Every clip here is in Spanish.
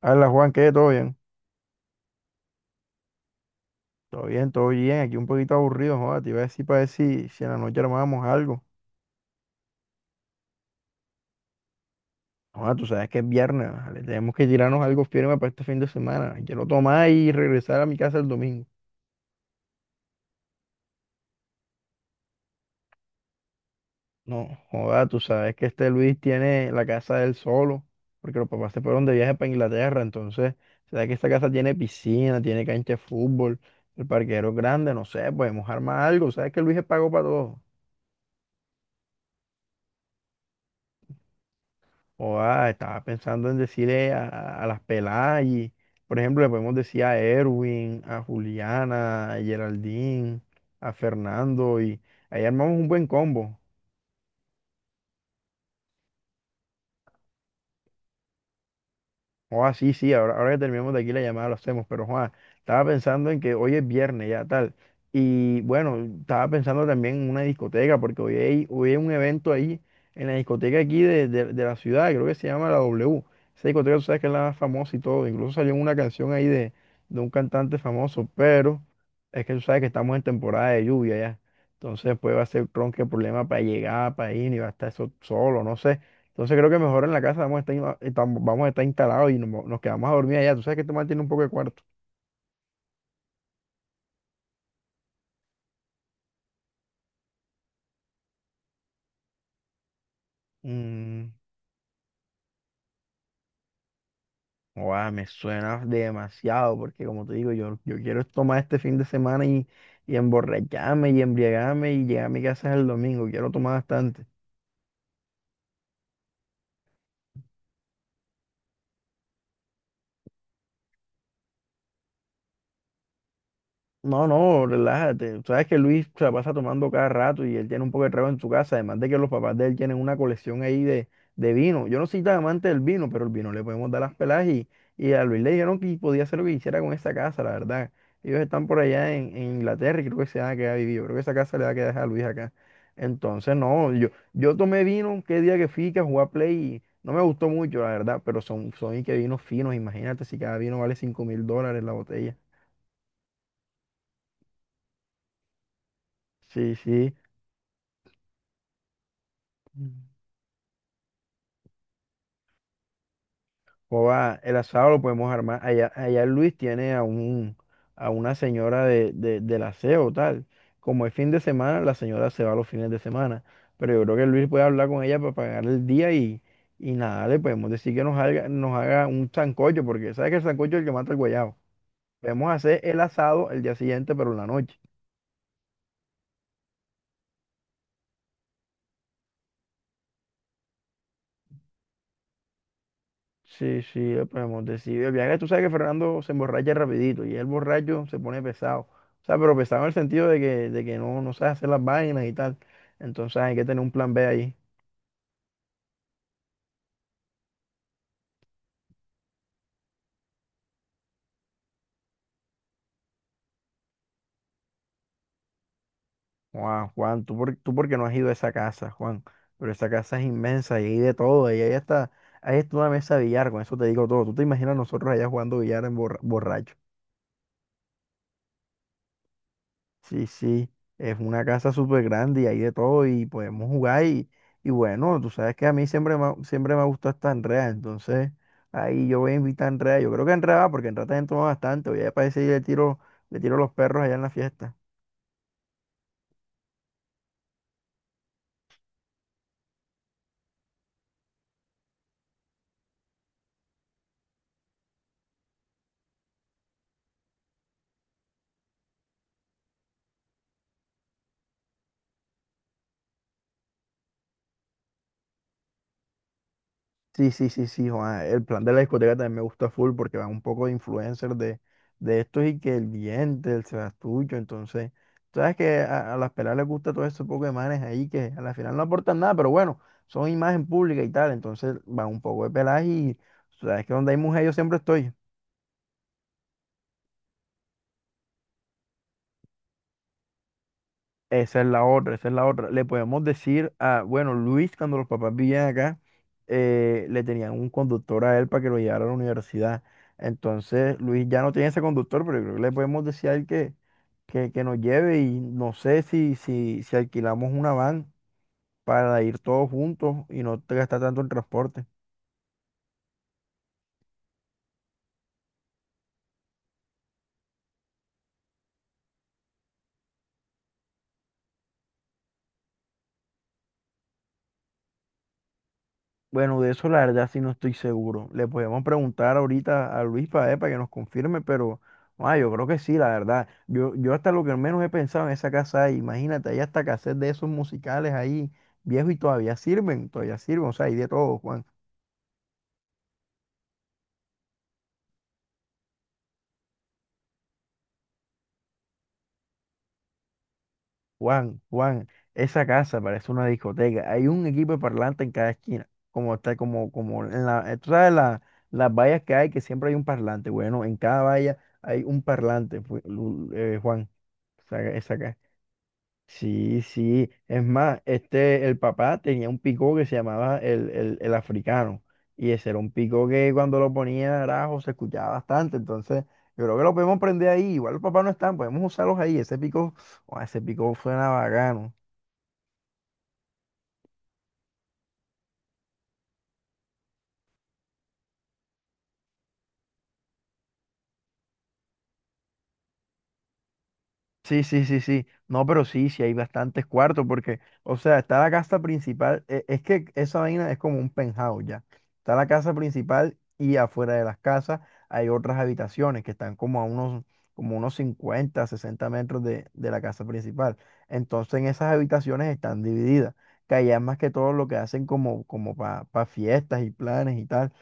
Hola Juan, ¿qué? ¿Todo bien? Todo bien, todo bien. Aquí un poquito aburrido, joda. Te iba a decir para ver si en la noche armábamos algo. Joda, tú sabes que es viernes, ¿vale? Tenemos que tirarnos algo firme para este fin de semana. Quiero tomar y regresar a mi casa el domingo. No, joda, tú sabes que este Luis tiene la casa del solo, porque los papás se fueron de viaje para Inglaterra. Entonces, sabes que esta casa tiene piscina, tiene cancha de fútbol, el parquero es grande, no sé, podemos armar algo. Sabes que Luis es pago para todo. Oa, estaba pensando en decirle a las peladas y, por ejemplo, le podemos decir a Erwin, a Juliana, a Geraldine, a Fernando y ahí armamos un buen combo. Joa, sí, sí, ahora, ahora que terminamos de aquí la llamada lo hacemos, pero Juan, estaba pensando en que hoy es viernes ya, tal. Y bueno, estaba pensando también en una discoteca, porque hoy hay un evento ahí en la discoteca aquí de la ciudad, creo que se llama la W. Esa discoteca tú sabes que es la más famosa y todo, incluso salió una canción ahí de un cantante famoso, pero es que tú sabes que estamos en temporada de lluvia ya. Entonces, pues va a ser tronque problema para llegar, para ir, y va a estar eso solo, no sé. Entonces creo que mejor en la casa vamos a estar, vamos a estar instalados y nos quedamos a dormir allá. Tú sabes que este man tiene un poco de cuarto. Mm, guau, me suena demasiado porque como te digo, yo quiero tomar este fin de semana y emborracharme y embriagarme y llegar a mi casa el domingo. Quiero tomar bastante. No, no, relájate. Sabes que Luis se la pasa tomando cada rato y él tiene un poco de trago en su casa, además de que los papás de él tienen una colección ahí de vino. Yo no soy tan amante del vino, pero el vino le podemos dar las pelas y a Luis le dijeron que podía hacer lo que quisiera con esa casa, la verdad. Ellos están por allá en Inglaterra y creo que se van a quedar vividos. Creo que esa casa le va a quedar a Luis acá. Entonces, no, yo tomé vino qué día que fui que a jugar Play y no me gustó mucho, la verdad, pero son y que vinos finos, imagínate si cada vino vale $5.000 la botella. Sí, sí. Joda, el asado lo podemos armar. Allá Luis tiene a una señora del aseo, tal. Como es fin de semana, la señora se va los fines de semana. Pero yo creo que Luis puede hablar con ella para pagar el día y nada, le podemos decir que nos haga un sancocho, porque sabes que el sancocho es el que mata el guayabo. Podemos hacer el asado el día siguiente, pero en la noche. Sí, sí, le podemos decir. El viaje, tú sabes que Fernando se emborracha rapidito y el borracho se pone pesado. O sea, pero pesado en el sentido de que no, no sabe hacer las vainas y tal. Entonces hay que tener un plan B ahí. Juan, Juan, tú porque no has ido a esa casa, Juan. Pero esa casa es inmensa y hay de todo. Y ahí está una mesa de billar, con eso te digo todo. Tú te imaginas nosotros allá jugando billar en borracho. Sí, sí, es una casa súper grande y hay de todo y podemos jugar y bueno, tú sabes que a mí siempre me ha gustado esta Andrea, entonces ahí yo voy a invitar a Andrea, yo creo que Andrea va porque Andrea también toma bastante, voy a ir para ese y le tiro los perros allá en la fiesta. Sí, sí, sí, sí, Juan. El plan de la discoteca también me gusta full porque van un poco de influencers de estos y que el diente, el Sebastucho, entonces, sabes que a las peladas les gusta todo ese poco de manes ahí que a la final no aportan nada, pero bueno, son imagen pública y tal, entonces van un poco de peladas y sabes que donde hay mujeres yo siempre estoy. Esa es la otra, esa es la otra. Le podemos decir a, bueno, Luis, cuando los papás vivían acá, le tenían un conductor a él para que lo llevara a la universidad. Entonces, Luis ya no tiene ese conductor, pero yo creo que le podemos decir a él que nos lleve y no sé si alquilamos una van para ir todos juntos y no te gastar tanto en transporte. Bueno, de eso la verdad sí no estoy seguro. Le podemos preguntar ahorita a Luis para que nos confirme, pero yo creo que sí, la verdad. Yo hasta lo que al menos he pensado en esa casa ahí, imagínate, hay hasta cassette de esos musicales ahí, viejos y todavía sirven, o sea, hay de todo, Juan, Juan, Juan. Esa casa parece una discoteca. Hay un equipo de parlante en cada esquina, como está, como, como en la, tú sabes las vallas que hay, que siempre hay un parlante. Bueno, en cada valla hay un parlante, Juan. Esa casa. Sí, sí. Es más, este, el papá tenía un pico que se llamaba el africano. Y ese era un pico que cuando lo ponía arajo se escuchaba bastante. Entonces, yo creo que lo podemos prender ahí. Igual los papás no están, podemos usarlos ahí. Ese pico, oh, ese pico suena bacano. Sí, sí, sí, sí. No, pero sí, sí hay bastantes cuartos porque, o sea, está la casa principal. Es que esa vaina es como un penthouse ya. Está la casa principal y afuera de las casas hay otras habitaciones que están como como unos 50 60 metros de la casa principal. Entonces en esas habitaciones están divididas, que allá es más que todo lo que hacen como para fiestas y planes y tal,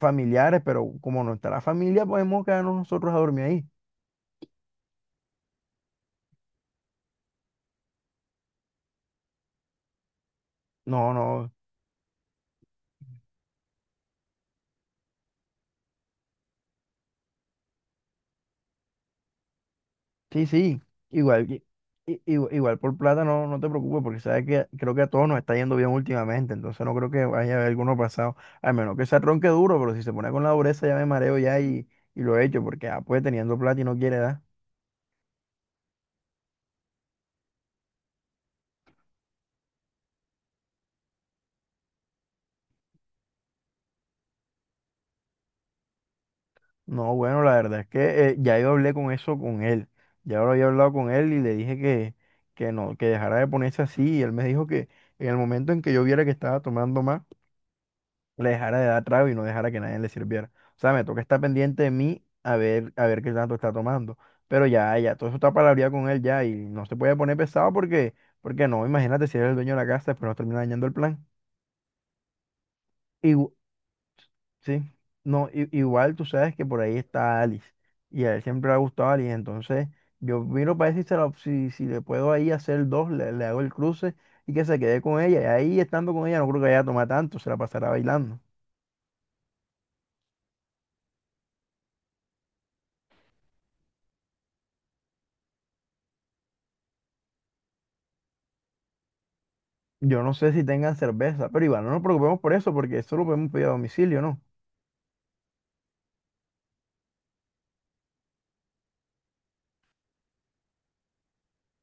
familiares, pero como no está la familia, podemos quedarnos nosotros a dormir ahí. No, no. Sí, sí, igual, que- i- igu- igual, por plata no, no te preocupes porque sabes que creo que a todos nos está yendo bien últimamente, entonces no creo que vaya a haber alguno pasado, al menos que se ronque duro, pero si se pone con la dureza ya me mareo ya y lo he hecho porque ah, pues teniendo plata y no quiere dar. No, bueno, la verdad es que ya yo hablé con eso con él, ya lo había hablado con él y le dije que no, que dejara de ponerse así y él me dijo que en el momento en que yo viera que estaba tomando más, le dejara de dar trago y no dejara que nadie le sirviera. O sea, me toca estar pendiente de mí a ver qué tanto está tomando. Pero ya, ya, todo eso está palabreado con él ya y no se puede poner pesado porque, porque no, imagínate si eres el dueño de la casa, después nos termina dañando el plan. Igu- sí, no, igual tú sabes que por ahí está Alice y a él siempre le ha gustado Alice, entonces yo miro para ver si, si le puedo ahí hacer dos, le hago el cruce y que se quede con ella. Y ahí estando con ella no creo que vaya a tomar tanto, se la pasará bailando. Yo no sé si tengan cerveza, pero igual no nos preocupemos por eso, porque eso lo podemos pedir a domicilio, ¿no?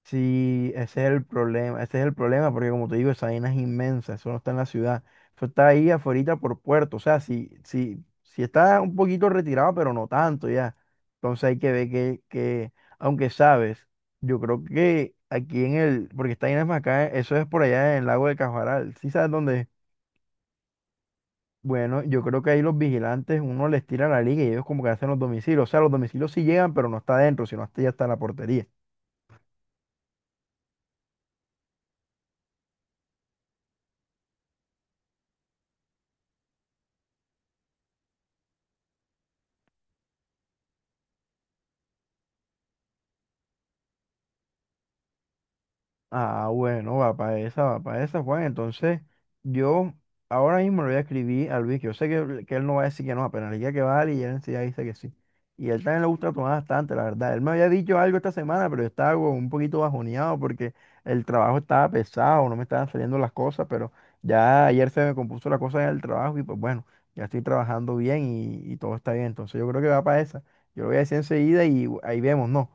Sí, ese es el problema, ese es el problema, porque como te digo, esa vaina es inmensa, eso no está en la ciudad, eso está ahí afuera por puerto, o sea, si está un poquito retirado, pero no tanto ya. Entonces hay que ver aunque sabes, yo creo que aquí en el, porque esta vaina es más acá, eso es por allá en el lago de Cajaral, ¿sí sabes dónde es? Bueno, yo creo que ahí los vigilantes, uno les tira la liga y ellos como que hacen los domicilios. O sea, los domicilios sí llegan, pero no está adentro, sino hasta ya está la portería. Ah, bueno, va para esa, Juan. Entonces, yo ahora mismo le voy a escribir a Luis, que yo sé que él no va a decir que no, apenas le diga que vale y él enseguida dice que sí. Y él también le gusta tomar bastante, la verdad. Él me había dicho algo esta semana, pero yo estaba como un poquito bajoneado porque el trabajo estaba pesado, no me estaban saliendo las cosas, pero ya ayer se me compuso la cosa en el trabajo y pues bueno, ya estoy trabajando bien y todo está bien. Entonces, yo creo que va para esa. Yo lo voy a decir enseguida y ahí vemos, ¿no?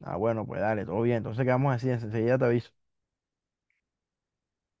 Ah, bueno, pues dale, todo bien. Entonces quedamos así, enseguida te aviso.